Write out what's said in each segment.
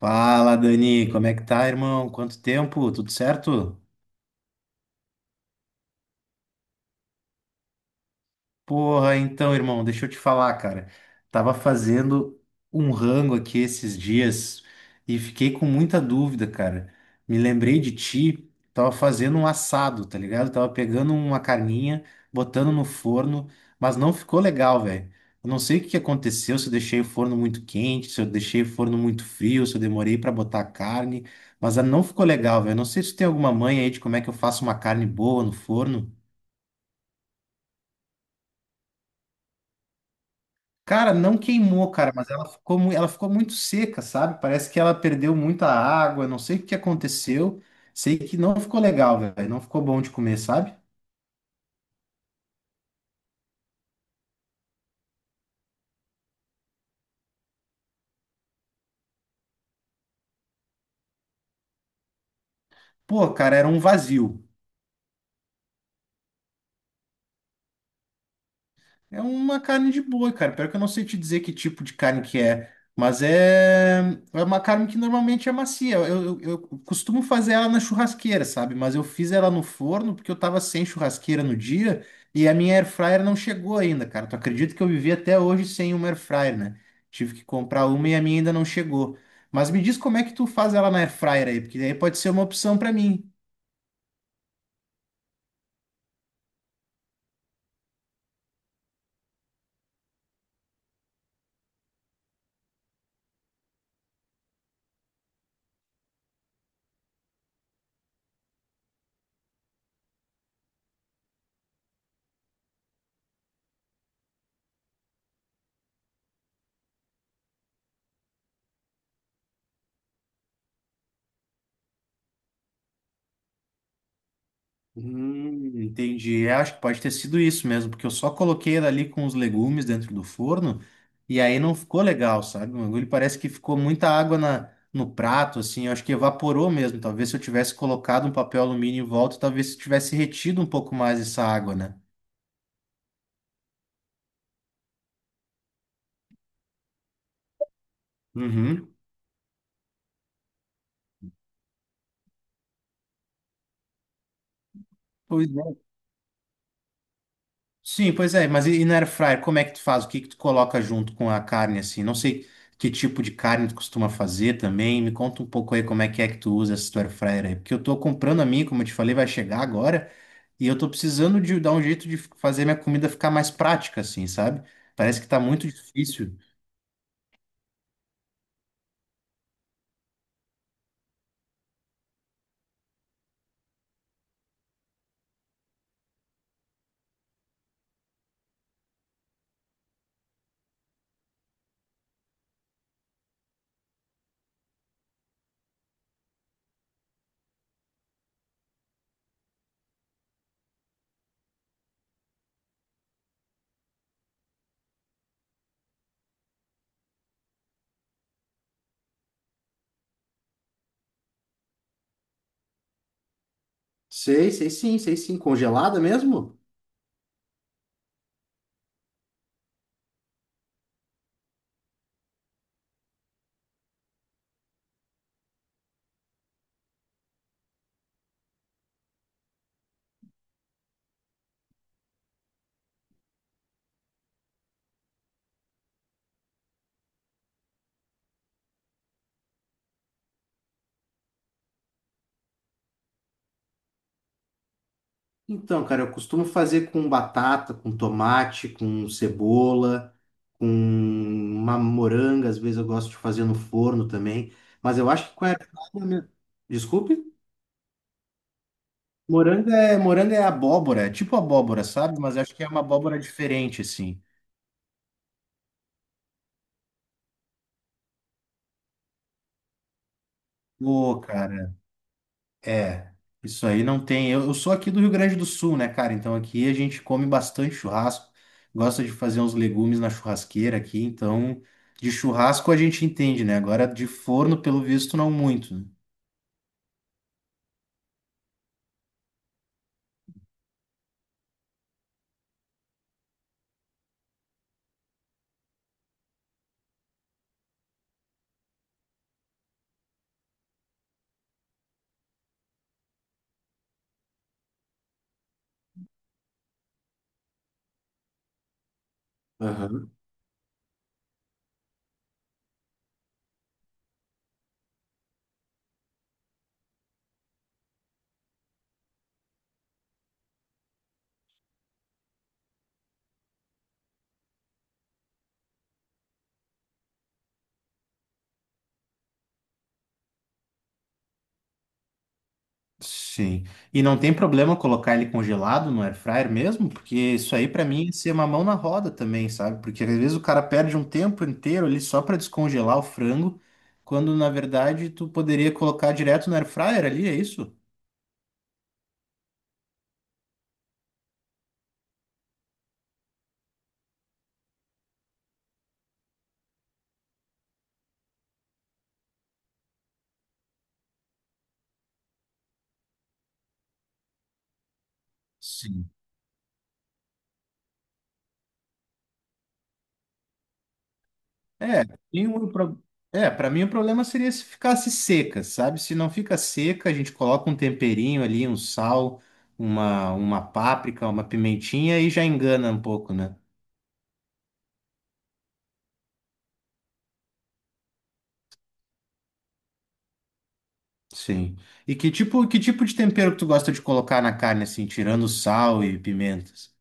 Fala, Dani, como é que tá, irmão? Quanto tempo? Tudo certo? Porra, então, irmão, deixa eu te falar, cara. Tava fazendo um rango aqui esses dias e fiquei com muita dúvida, cara. Me lembrei de ti, tava fazendo um assado, tá ligado? Tava pegando uma carninha, botando no forno, mas não ficou legal, velho. Eu não sei o que que aconteceu, se eu deixei o forno muito quente, se eu deixei o forno muito frio, se eu demorei pra botar a carne, mas não ficou legal, velho. Não sei se tem alguma manha aí de como é que eu faço uma carne boa no forno. Cara, não queimou, cara, mas ela ficou, ela ficou muito seca, sabe? Parece que ela perdeu muita água, não sei o que aconteceu. Sei que não ficou legal, velho. Não ficou bom de comer, sabe? Pô, cara, era um vazio. É uma carne de boi, cara. Pior que eu não sei te dizer que tipo de carne que é, mas é, é uma carne que normalmente é macia. Eu costumo fazer ela na churrasqueira, sabe? Mas eu fiz ela no forno porque eu tava sem churrasqueira no dia e a minha air fryer não chegou ainda, cara. Tu acredita que eu vivi até hoje sem uma air fryer, né? Tive que comprar uma e a minha ainda não chegou. Mas me diz como é que tu faz ela na air fryer aí, porque daí pode ser uma opção pra mim. Entendi. É, acho que pode ter sido isso mesmo, porque eu só coloquei ela ali com os legumes dentro do forno e aí não ficou legal, sabe? O bagulho parece que ficou muita água na, no prato, assim. Eu acho que evaporou mesmo. Talvez se eu tivesse colocado um papel alumínio em volta, talvez tivesse retido um pouco mais essa água, né? Uhum. Pois é. Sim, pois é, mas e no air fryer, como é que tu faz? O que que tu coloca junto com a carne assim? Não sei que tipo de carne tu costuma fazer também. Me conta um pouco aí como é que tu usa esse teu air fryer aí, porque eu tô comprando a minha, como eu te falei, vai chegar agora, e eu tô precisando de dar um jeito de fazer minha comida ficar mais prática assim, sabe? Parece que tá muito difícil. Sei, sei sim, sei sim. Congelada mesmo? Então, cara, eu costumo fazer com batata, com tomate, com cebola, com uma moranga, às vezes eu gosto de fazer no forno também, mas eu acho que com a air fryer mesmo. Desculpe? Moranga é abóbora, é tipo abóbora, sabe? Mas acho que é uma abóbora diferente, assim. Pô, cara, é, isso aí não tem. Eu sou aqui do Rio Grande do Sul, né, cara? Então aqui a gente come bastante churrasco, gosta de fazer uns legumes na churrasqueira aqui, então de churrasco a gente entende, né? Agora de forno, pelo visto, não muito, né? Aham. Sim. E não tem problema colocar ele congelado no air fryer mesmo, porque isso aí pra mim é ser uma mão na roda também, sabe? Porque às vezes o cara perde um tempo inteiro ali só pra descongelar o frango, quando na verdade tu poderia colocar direto no air fryer ali, é isso? Sim. É, tem um pro- é, para mim o problema seria se ficasse seca, sabe? Se não fica seca, a gente coloca um temperinho ali, um sal, uma páprica, uma pimentinha e já engana um pouco, né? Sim. E que tipo de tempero que tu gosta de colocar na carne, assim, tirando sal e pimentas?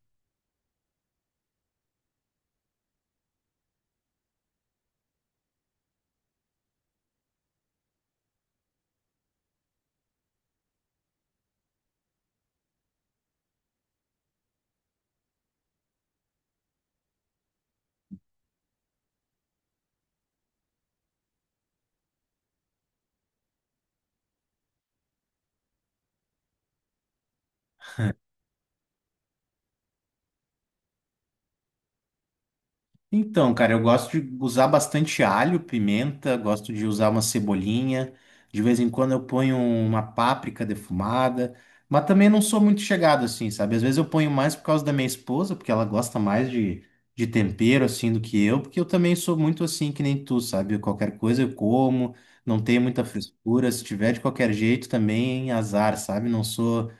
Então, cara, eu gosto de usar bastante alho, pimenta, gosto de usar uma cebolinha. De vez em quando eu ponho uma páprica defumada, mas também não sou muito chegado assim, sabe? Às vezes eu ponho mais por causa da minha esposa, porque ela gosta mais de tempero assim do que eu, porque eu também sou muito assim que nem tu, sabe? Qualquer coisa eu como, não tenho muita frescura. Se tiver de qualquer jeito também, azar, sabe? Não sou.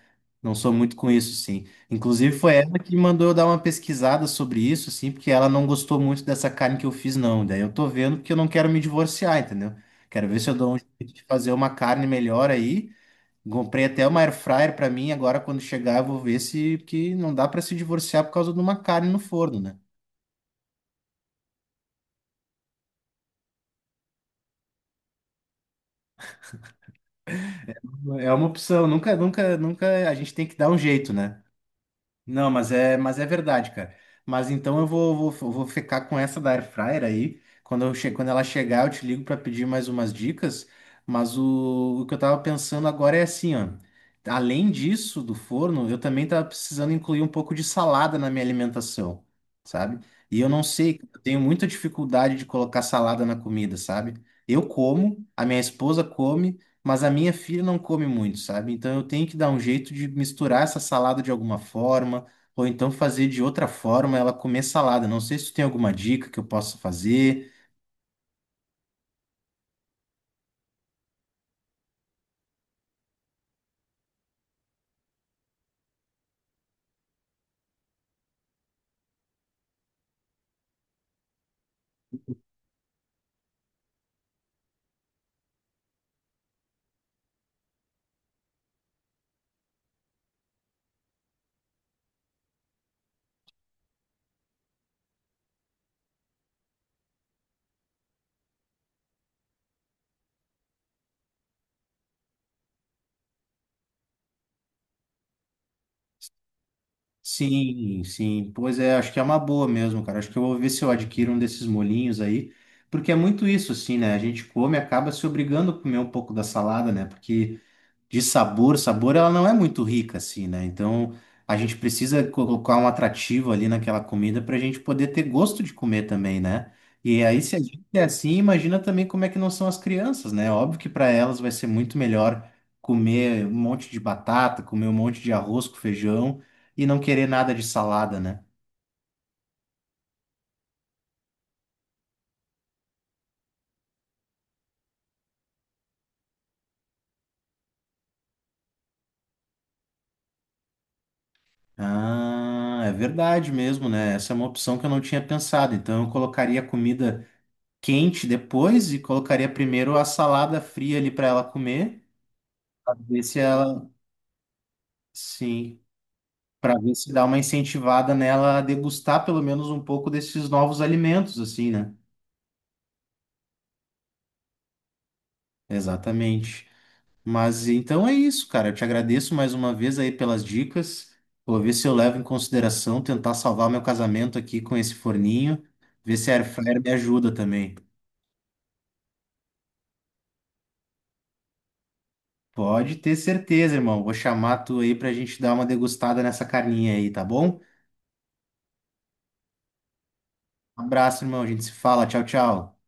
Não sou muito com isso, sim. Inclusive, foi ela que mandou eu dar uma pesquisada sobre isso, assim, porque ela não gostou muito dessa carne que eu fiz, não. Daí eu tô vendo porque eu não quero me divorciar, entendeu? Quero ver se eu dou um jeito de fazer uma carne melhor aí. Comprei até uma air fryer pra mim, agora quando chegar eu vou ver se que não dá pra se divorciar por causa de uma carne no forno, né? É uma opção, nunca, nunca, nunca, a gente tem que dar um jeito, né? Não, mas é verdade, cara. Mas então eu vou ficar com essa da Air Fryer aí. Quando ela chegar, eu te ligo para pedir mais umas dicas. Mas o que eu tava pensando agora é assim, ó. Além disso, do forno, eu também tava precisando incluir um pouco de salada na minha alimentação, sabe? E eu não sei, eu tenho muita dificuldade de colocar salada na comida, sabe? Eu como, a minha esposa come. Mas a minha filha não come muito, sabe? Então eu tenho que dar um jeito de misturar essa salada de alguma forma, ou então fazer de outra forma ela comer salada. Não sei se tu tem alguma dica que eu possa fazer. Sim, sim. Pois é, acho que é uma boa mesmo, cara. Acho que eu vou ver se eu adquiro um desses molhinhos aí, porque é muito isso, assim, né? A gente come e acaba se obrigando a comer um pouco da salada, né? Porque de sabor, sabor ela não é muito rica assim, né? Então a gente precisa colocar um atrativo ali naquela comida para a gente poder ter gosto de comer também, né? E aí se a gente é assim, imagina também como é que não são as crianças, né? Óbvio que para elas vai ser muito melhor comer um monte de batata, comer um monte de arroz com feijão e não querer nada de salada, né? Ah, é verdade mesmo, né? Essa é uma opção que eu não tinha pensado. Então eu colocaria comida quente depois e colocaria primeiro a salada fria ali para ela comer, para ver se ela, sim, para ver se dá uma incentivada nela a degustar pelo menos um pouco desses novos alimentos, assim, né? Exatamente. Mas então é isso, cara. Eu te agradeço mais uma vez aí pelas dicas. Vou ver se eu levo em consideração tentar salvar meu casamento aqui com esse forninho, ver se a air fryer me ajuda também. Pode ter certeza, irmão. Vou chamar tu aí pra gente dar uma degustada nessa carninha aí, tá bom? Um abraço, irmão. A gente se fala. Tchau, tchau.